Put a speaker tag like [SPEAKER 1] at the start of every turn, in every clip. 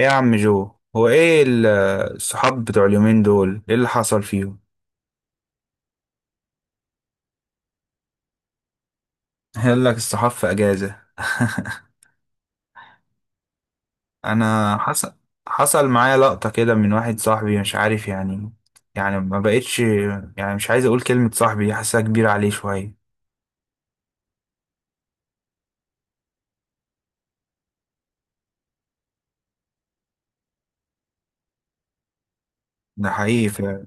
[SPEAKER 1] ايه يا عم جو، هو ايه الصحاب بتوع اليومين دول، ايه اللي حصل فيهم؟ قال لك الصحاب في اجازة. انا، حصل معايا لقطة كده من واحد صاحبي، مش عارف يعني. يعني ما بقتش، يعني مش عايز اقول كلمة صاحبي دي، حاسسها كبيرة عليه شوية. ده حقيقي فعلا.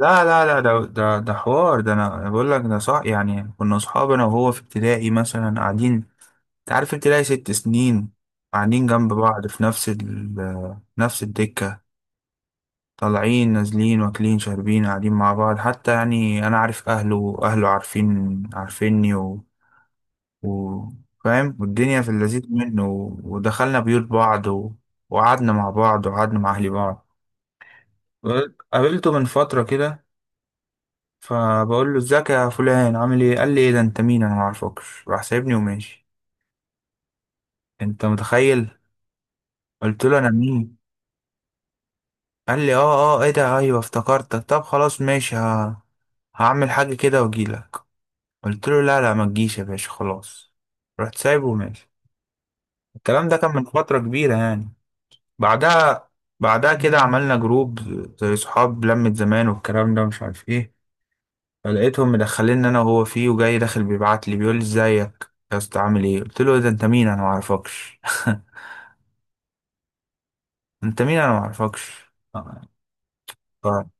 [SPEAKER 1] لا، لا، لا، ده حوار، ده أنا بقول لك ده صح. يعني كنا صحاب انا وهو في ابتدائي مثلا، قاعدين. انت عارف ابتدائي 6 سنين. قاعدين جنب بعض في نفس الدكة. طالعين نازلين واكلين شاربين قاعدين مع بعض، حتى يعني انا عارف اهله واهله عارفين عارفيني و... فاهم، والدنيا في اللذيذ منه ودخلنا بيوت بعض وقعدنا مع بعض، وقعدنا مع اهلي بعض. قابلته من فترة كده. فبقول له: ازيك يا فلان، عامل ايه؟ قال لي: ايه ده؟ انت مين؟ انا ما اعرفكش. راح سايبني وماشي. انت متخيل؟ قلت له: انا مين؟ قال لي: ايه ده، ايوه افتكرتك، طب خلاص ماشي، هعمل حاجة كده واجيلك. قلت له: لا، لا، ما تجيش يا باشا، خلاص. رحت سايبه وماشي. الكلام ده كان من فترة كبيرة يعني. بعدها بعدها كده عملنا جروب، زي صحاب لمة زمان والكلام ده مش عارف ايه. فلقيتهم مدخليني انا وهو فيه، وجاي داخل بيبعت لي، بيقول لي: ازيك يا اسطى، عامل ايه؟ قلت له: إيه ده؟ انت مين؟ انا ما اعرفكش. انت مين؟ انا ما اعرفكش. ف-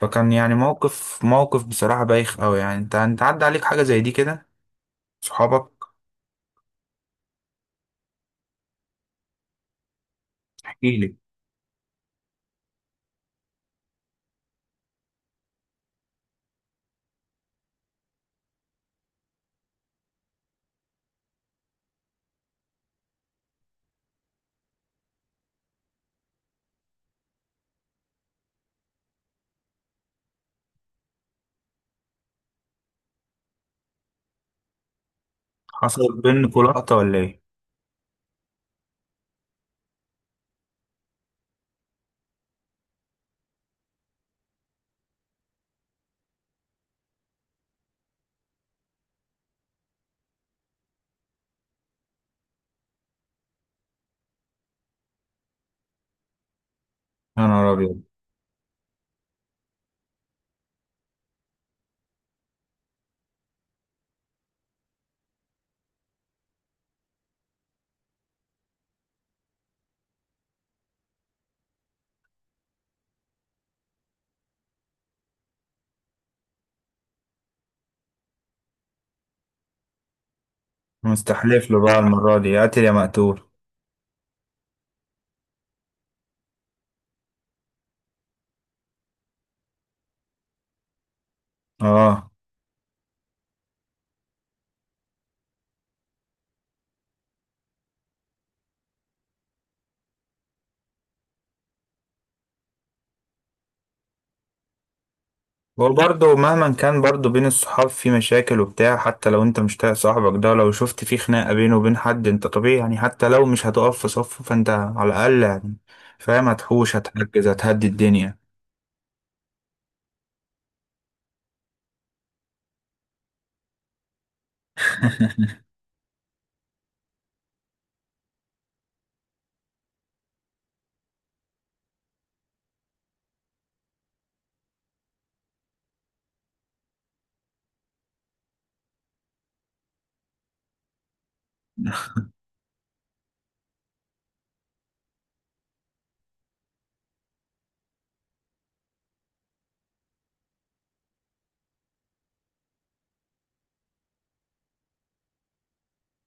[SPEAKER 1] فكان يعني موقف بصراحة بايخ قوي يعني. انت عدى عليك حاجة زي دي كده، صحابك؟ احكي لي. حصل بينكوا لقطة ولا ايه؟ يا نهار ابيض! مستحلف له بقى المرة دي، قاتل يا مقتول. اه، وبرضه مهما كان، برضه بين الصحاب في مشاكل وبتاع، حتى لو انت مش طايق صاحبك ده، لو شفت في خناقة بينه وبين حد، انت طبيعي يعني حتى لو مش هتقف في صفه، فانت على الأقل يعني فاهم، هتحوش، هتحجز، هتهدي الدنيا.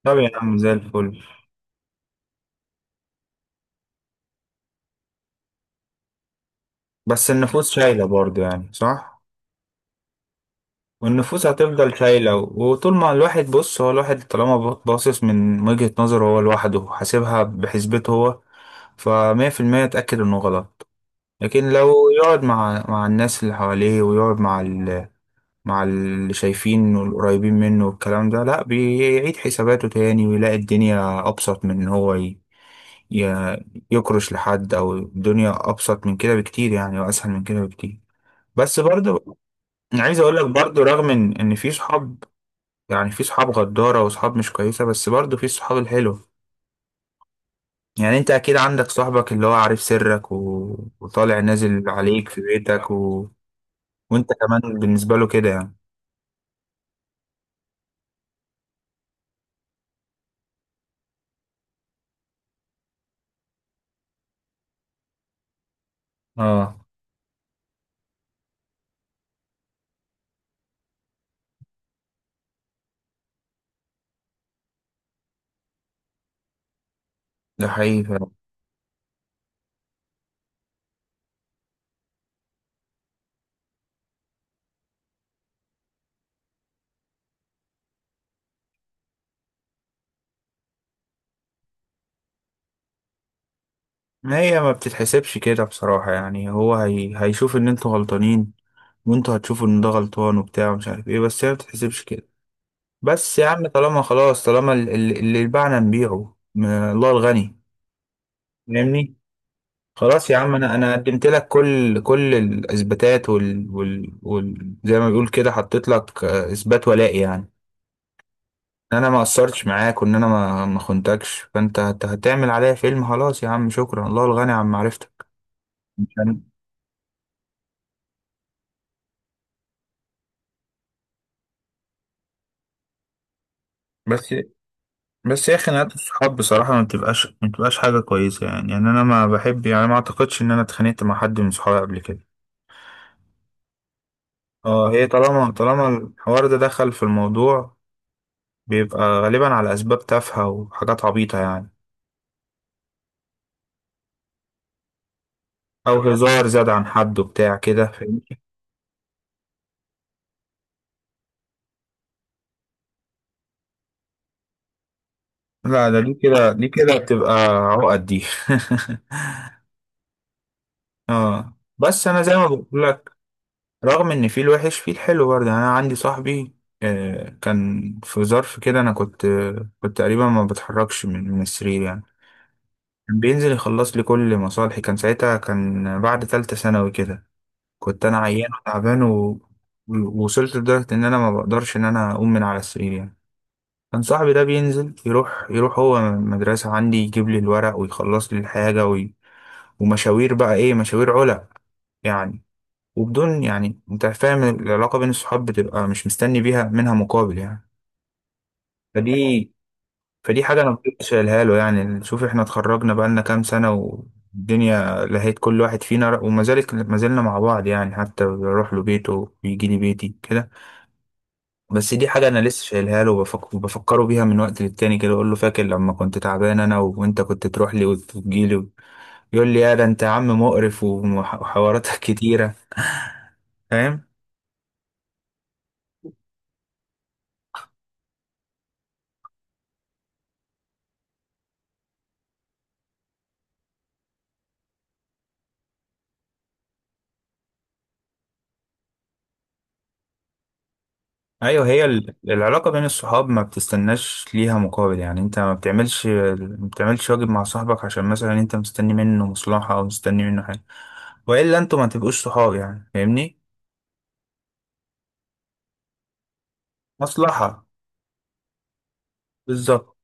[SPEAKER 1] طب يا عم، زي الفل. بس النفوس شايلة برضه، يعني صح؟ والنفوس هتفضل شايلة، وطول ما الواحد بص، هو الواحد طالما باصص من وجهة نظره هو لوحده، حاسبها بحسبته هو، فمية في المية اتأكد انه غلط. لكن لو يقعد مع الناس اللي حواليه، ويقعد مع اللي شايفين والقريبين منه والكلام ده، لا بيعيد حساباته تاني، ويلاقي الدنيا أبسط من إن هو ي... يكرش لحد، أو الدنيا أبسط من كده بكتير يعني، وأسهل من كده بكتير. بس برضه، أنا عايز أقول لك برضه، رغم إن في صحاب، يعني في صحاب غدارة وصحاب مش كويسة، بس برضه في الصحاب الحلوة. يعني أنت أكيد عندك صاحبك اللي هو عارف سرك وطالع نازل عليك في بيتك وانت كمان بالنسبة له كده يعني. اه، ده حقيقي فعلا. ما هي ما بتتحسبش كده بصراحة يعني. هو هيشوف ان انتوا غلطانين، وانتوا هتشوفوا ان ده غلطان وبتاع ومش عارف ايه، بس هي ما بتتحسبش كده. بس يا عم، طالما خلاص، طالما اللي يبيعنا نبيعه، ما الله الغني. فاهمني؟ خلاص يا عم، انا قدمت لك كل الاثباتات زي ما بيقول كده، حطيت لك، اثبات ولائي يعني. انا ما قصرتش معاك، وان انا ما خنتكش، فانت هتعمل عليا فيلم؟ خلاص يا عم، شكرا، الله الغني عن معرفتك. مش هن- بس بس يا خناقات الصحاب بصراحة ما بتبقاش حاجة كويسة يعني. يعني أنا ما بحب يعني، ما أعتقدش إن أنا اتخانقت مع حد من صحابي قبل كده. اه، هي طالما الحوار ده دخل في الموضوع، بيبقى غالبا على أسباب تافهة وحاجات عبيطة يعني. أو هزار زاد عن حد وبتاع كده، فاهمني؟ لا، ده دي كده بتبقى عقد دي. اه، بس انا زي ما بقول لك، رغم ان في الوحش في الحلو برضه، يعني انا عندي صاحبي. آه، كان في ظرف كده، انا كنت تقريبا ما بتحركش من السرير يعني. كان بينزل يخلص لي كل مصالحي، كان ساعتها كان بعد تالتة ثانوي كده. كنت انا عيان وتعبان ووصلت لدرجة ان انا ما بقدرش ان انا اقوم من على السرير يعني. كان صاحبي ده بينزل يروح هو مدرسة عندي، يجيب لي الورق ويخلص لي الحاجة ومشاوير بقى ايه، مشاوير علق يعني. وبدون، يعني انت فاهم، العلاقة بين الصحاب بتبقى مش مستني بيها منها مقابل يعني. فدي فدي حاجة انا مبقتش شايلها له يعني. شوف، احنا اتخرجنا بقالنا كام سنة، والدنيا لهيت كل واحد فينا، وما ذلك ما زلنا مع بعض يعني، حتى بروح له بيته ويجي لي بيتي كده. بس دي حاجة انا لسه شايلها له، وبفكره بيها من وقت للتاني كده، اقول له: فاكر لما كنت تعبان، انا وانت كنت تروح لي وتجي لي؟ يقول لي: يا ده انت يا عم مقرف وحواراتك كتيرة. فاهم. ايوه، هي العلاقه بين الصحاب ما بتستناش ليها مقابل يعني، انت ما بتعملش واجب مع صاحبك عشان مثلا انت مستني منه مصلحه او مستني منه حاجه. والا انتوا ما تبقوش صحاب يعني، فاهمني؟ مصلحه، بالظبط.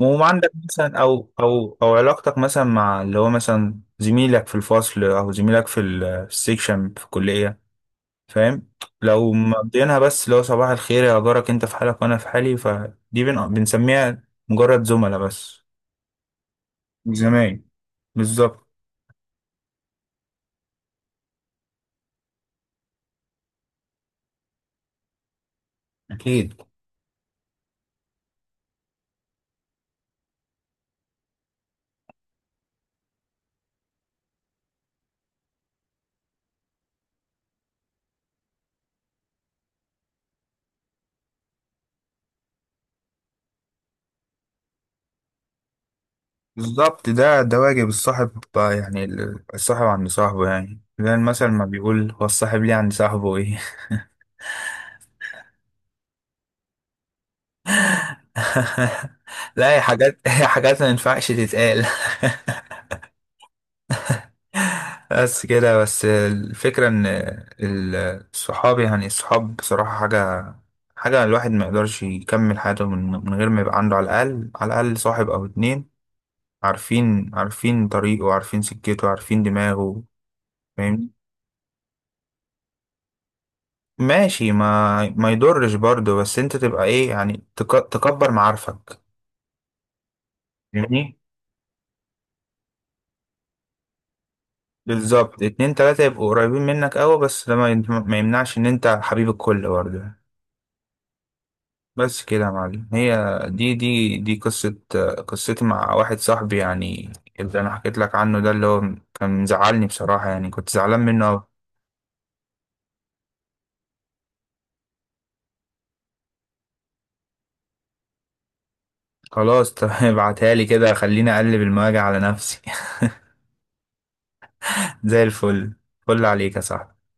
[SPEAKER 1] وما عندك مثلا، او علاقتك مثلا مع اللي هو مثلا زميلك في الفصل، او زميلك في في السكشن في الكليه. فاهم؟ لو مقضيينها بس اللي هو صباح الخير يا جارك، انت في حالك وانا في حالي، فدي بنسميها مجرد زملاء بس. زمايل، بالظبط. أكيد، بالظبط. ده واجب الصاحب بقى يعني. الصاحب عند صاحبه، يعني زي المثل ما بيقول: هو الصاحب ليه عند صاحبه إيه؟ لا، هي حاجات، هي حاجات ما ينفعش تتقال. بس كده. بس الفكرة إن ال- الصحاب يعني، الصحاب بصراحة حاجة، حاجة الواحد ما يقدرش يكمل حياته من غير ما يبقى عنده على الأقل، على الأقل صاحب أو اتنين. عارفين طريقه، عارفين سكته، عارفين دماغه. فاهمني؟ ماشي، ما يضرش برضه، بس انت تبقى ايه يعني، تكبر معارفك. فاهمني؟ بالظبط، اتنين تلاتة يبقوا قريبين منك قوي، بس ده ما يمنعش ان انت حبيب الكل برضه. بس كده يا معلم. هي دي قصة، قصتي مع واحد صاحبي يعني، اللي انا حكيت لك عنه، ده اللي هو كان مزعلني بصراحة يعني، كنت زعلان منه أوي. خلاص، طب ابعتها لي كده، خليني اقلب المواجع على نفسي. زي الفل، فل عليك يا صاحبي.